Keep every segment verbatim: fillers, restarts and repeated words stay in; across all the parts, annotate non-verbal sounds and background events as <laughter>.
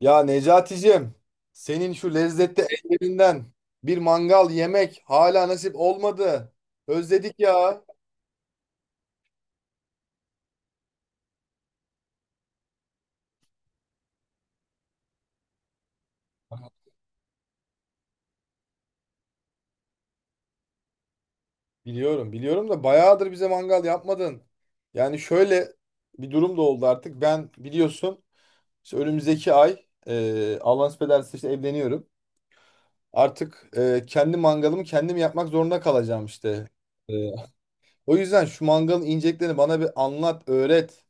Ya Necaticim, senin şu lezzetli ellerinden bir mangal yemek hala nasip olmadı. Özledik ya. Biliyorum, biliyorum da bayağıdır bize mangal yapmadın. Yani şöyle bir durum da oldu artık. Ben biliyorsun işte önümüzdeki ay e, Allah nasip ederse işte evleniyorum. Artık e, kendi mangalımı kendim yapmak zorunda kalacağım işte. E, O yüzden şu mangalın inceliklerini bana bir anlat, öğret.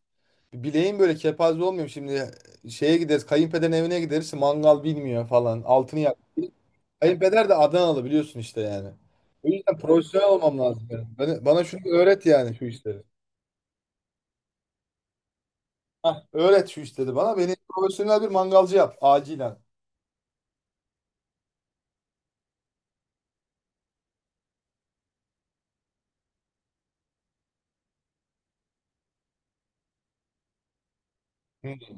Bileğim böyle kepaze olmuyor şimdi. Şeye gideriz. Kayınpederin evine gideriz. İşte mangal bilmiyor falan. Altını yak. Kayınpeder de Adanalı biliyorsun işte yani. O yüzden profesyonel olmam lazım benim. Bana, bana şunu öğret yani şu işleri. Hah, öğret şu işleri bana. Beni profesyonel bir mangalcı yap. Acilen. Hmm,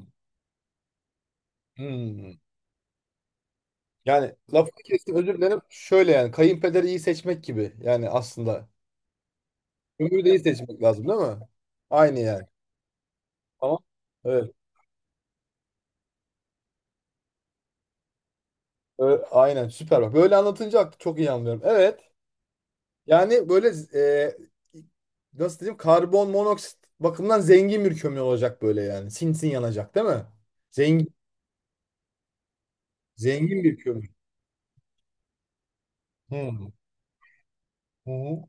hmm. Yani lafını kestim özür dilerim. Şöyle yani kayınpederi iyi seçmek gibi. Yani aslında. Ömürü de iyi seçmek lazım değil mi? Aynı yani. Tamam. Evet. Ö- aynen süper. Bak böyle anlatınca çok iyi anlıyorum. Evet. Yani böyle e, nasıl diyeyim karbon monoksit bakımından zengin bir kömür olacak böyle yani. Sinsin yanacak değil mi? Zengin, zengin bir kömür. Hmm. Hı.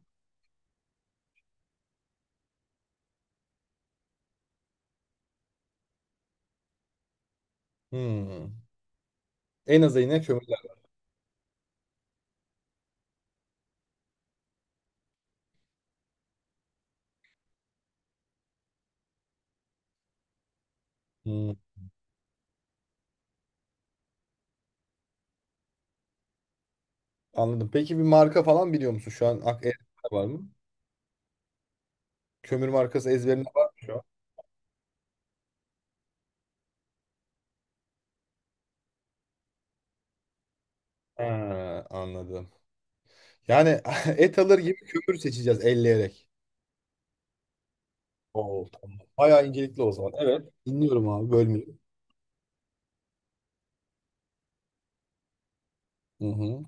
Hmm. En azı yine kömürler. Hmm. Anladım. Peki bir marka falan biliyor musun şu an? Ak ezberinde var mı? Kömür markası ezberinde var mı şu an? Ha, anladım. Yani <laughs> et alır gibi kömür seçeceğiz elleyerek. Oo, tamam. Bayağı incelikli o zaman. Evet. Dinliyorum abi bölmeyeyim. Hı hı.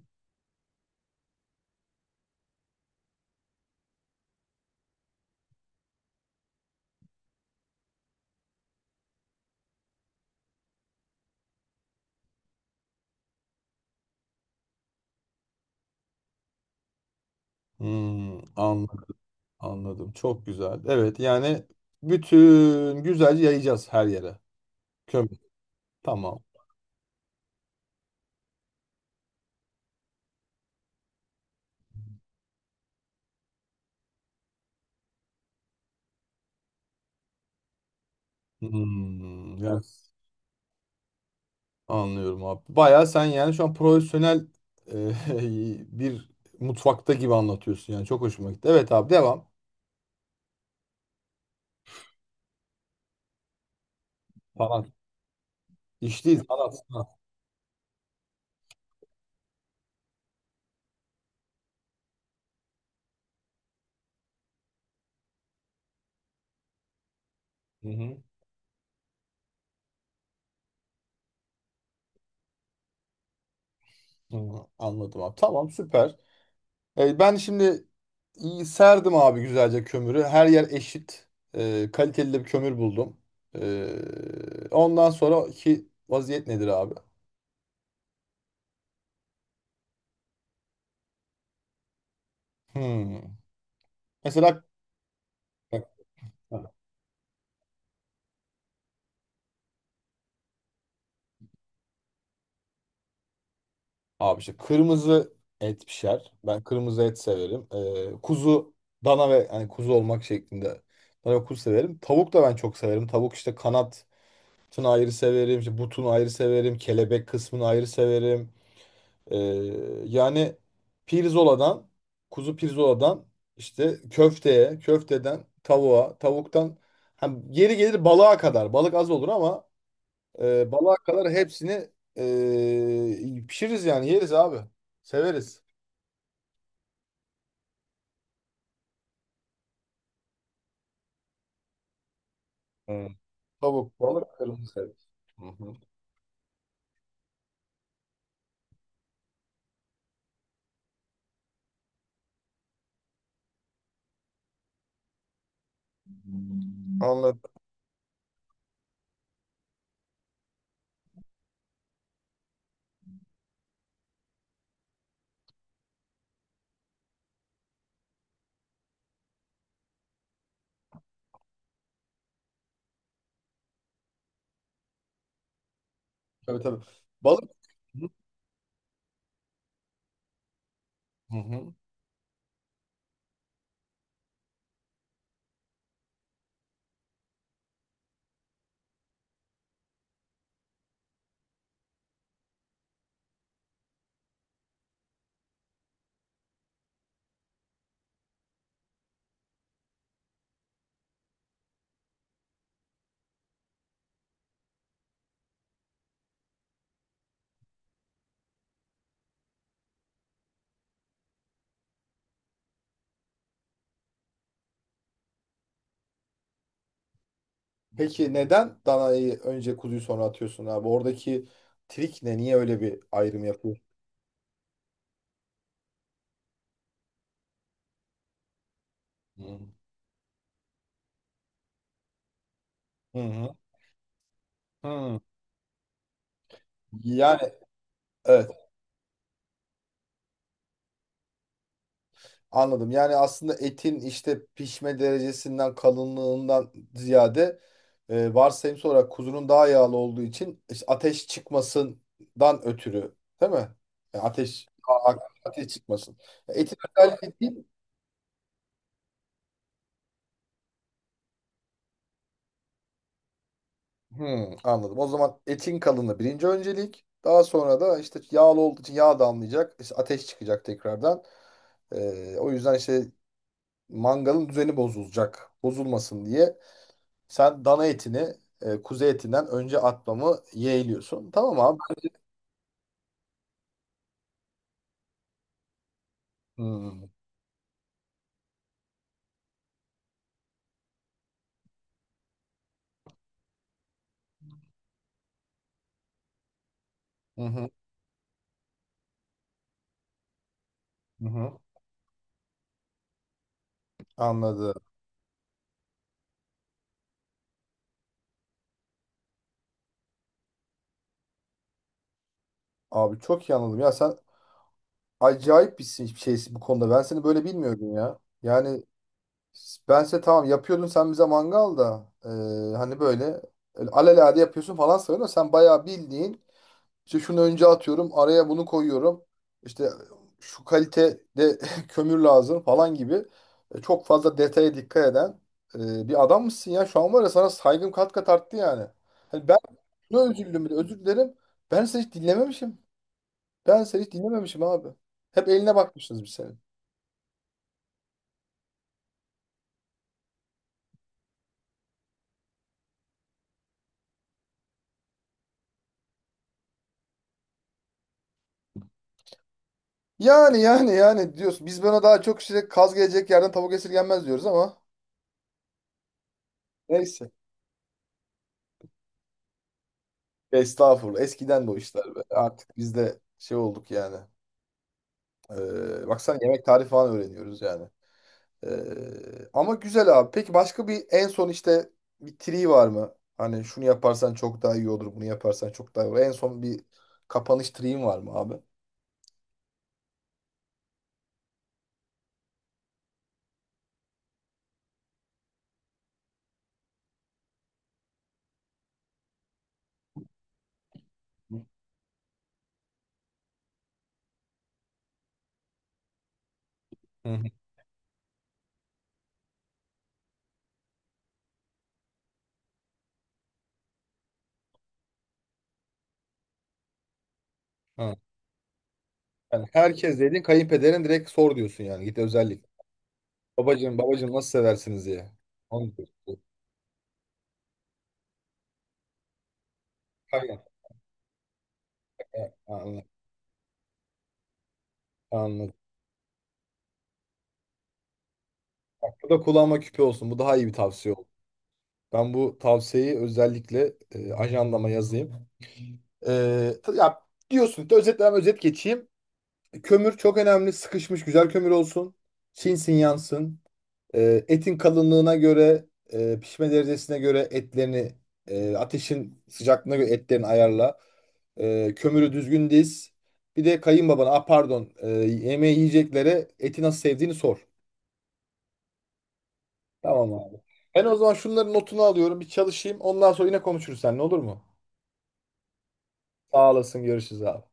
Hmm, anladım. Anladım. Çok güzel. Evet yani bütün güzelce yayacağız her yere. Kömür. Tamam. Hmm, ya- anlıyorum abi. Baya sen yani şu an profesyonel e, <laughs> bir mutfakta gibi anlatıyorsun yani. Çok hoşuma gitti. Evet abi devam. Falan. İşteyiz. Sanat. Sanat. Hı hı. Hı, anladım abi. Tamam süper. E, ben şimdi iyi serdim abi güzelce kömürü. Her yer eşit. E, kaliteli de bir kömür buldum. E, ondan sonraki vaziyet nedir abi? Hmm. Mesela abi işte kırmızı et pişer. Ben kırmızı et severim. E, kuzu, dana ve yani kuzu olmak şeklinde. Dana ve kuzu severim. Tavuk da ben çok severim. Tavuk işte kanatını ayrı severim. İşte butunu ayrı severim. Kelebek kısmını ayrı severim. Ee, Yani pirzoladan, kuzu pirzoladan işte köfteye, köfteden tavuğa, tavuktan hani geri gelir balığa kadar. Balık az olur ama e, balığa kadar hepsini e, pişiririz yani yeriz abi. Severiz. Hı. Tavuk, balık, kırmızı et. Hı hı. Anladım. Tabii tabii. Balık. Hı hı. Peki neden danayı önce kuzuyu sonra atıyorsun abi? Oradaki trik ne? Niye öyle bir ayrım yapıyorsun? Hı hı. Hı. Yani evet anladım. Yani aslında etin işte pişme derecesinden kalınlığından ziyade e, varsayımsal olarak kuzunun daha yağlı olduğu için işte ateş çıkmasından ötürü değil mi? Yani ateş a- a- ateş çıkmasın. Etin özelliği değil. Hmm, anladım. O zaman etin kalınlığı birinci öncelik. Daha sonra da işte yağlı olduğu için yağ damlayacak. İşte ateş çıkacak tekrardan. E, o yüzden işte mangalın düzeni bozulacak. Bozulmasın diye. Sen dana etini e, kuzu etinden önce atmamı yeğliyorsun. Tamam abi. Hmm. Hı hı, hı hı. Anladım. Abi çok iyi anladım. Ya sen acayip bir şey- şeysin bu konuda. Ben seni böyle bilmiyordum ya. Yani bense tamam yapıyordun sen bize mangal da e, hani böyle öyle alelade yapıyorsun falan sanıyorum. Sen bayağı bildiğin İşte şunu önce atıyorum, araya bunu koyuyorum. İşte şu kalitede <laughs> kömür lazım falan gibi. E, çok fazla detaya dikkat eden e, bir adam mısın ya? Şu an var ya sana saygım kat kat arttı yani. Hani ben ne özür bile özür dilerim. Ben seni hiç dinlememişim. Ben seni hiç dinlememişim abi. Hep eline bakmışsınız bir senin. Yani yani yani diyorsun. Biz buna daha çok işte kaz gelecek yerden tavuk esirgenmez diyoruz ama neyse. Estağfurullah. Eskiden bu işler be. Artık biz de şey olduk yani. Ee, bak sen yemek tarifi falan öğreniyoruz yani. Ee, ama güzel abi. Peki başka bir en son işte bir tri var mı? Hani şunu yaparsan çok daha iyi olur, bunu yaparsan çok daha iyi olur. En son bir kapanış triğin var mı abi? Hı hı. Ha. Yani herkes dedin kayınpederin direkt sor diyorsun yani git özellik. Babacığım babacığım nasıl seversiniz diye. Onu diyorsun. Kayın. Evet, anladım. Anladım. Bak, bu da kulağıma küpe olsun. Bu daha iyi bir tavsiye oldu. Ben bu tavsiyeyi özellikle e, ajandama yazayım. Ee, ta- ya diyorsun ki özetle ben özet geçeyim. Kömür çok önemli. Sıkışmış güzel kömür olsun. Çinsin yansın. Ee, etin kalınlığına göre, e, pişme derecesine göre etlerini, e, ateşin sıcaklığına göre etlerini ayarla. Ee, kömürü düzgün diz. Bir de kayınbabana, ah pardon, e, yemeği yiyeceklere eti nasıl sevdiğini sor. Tamam abi. Ben o zaman şunların notunu alıyorum. Bir çalışayım. Ondan sonra yine konuşuruz seninle olur mu? Sağ olasın. Görüşürüz abi.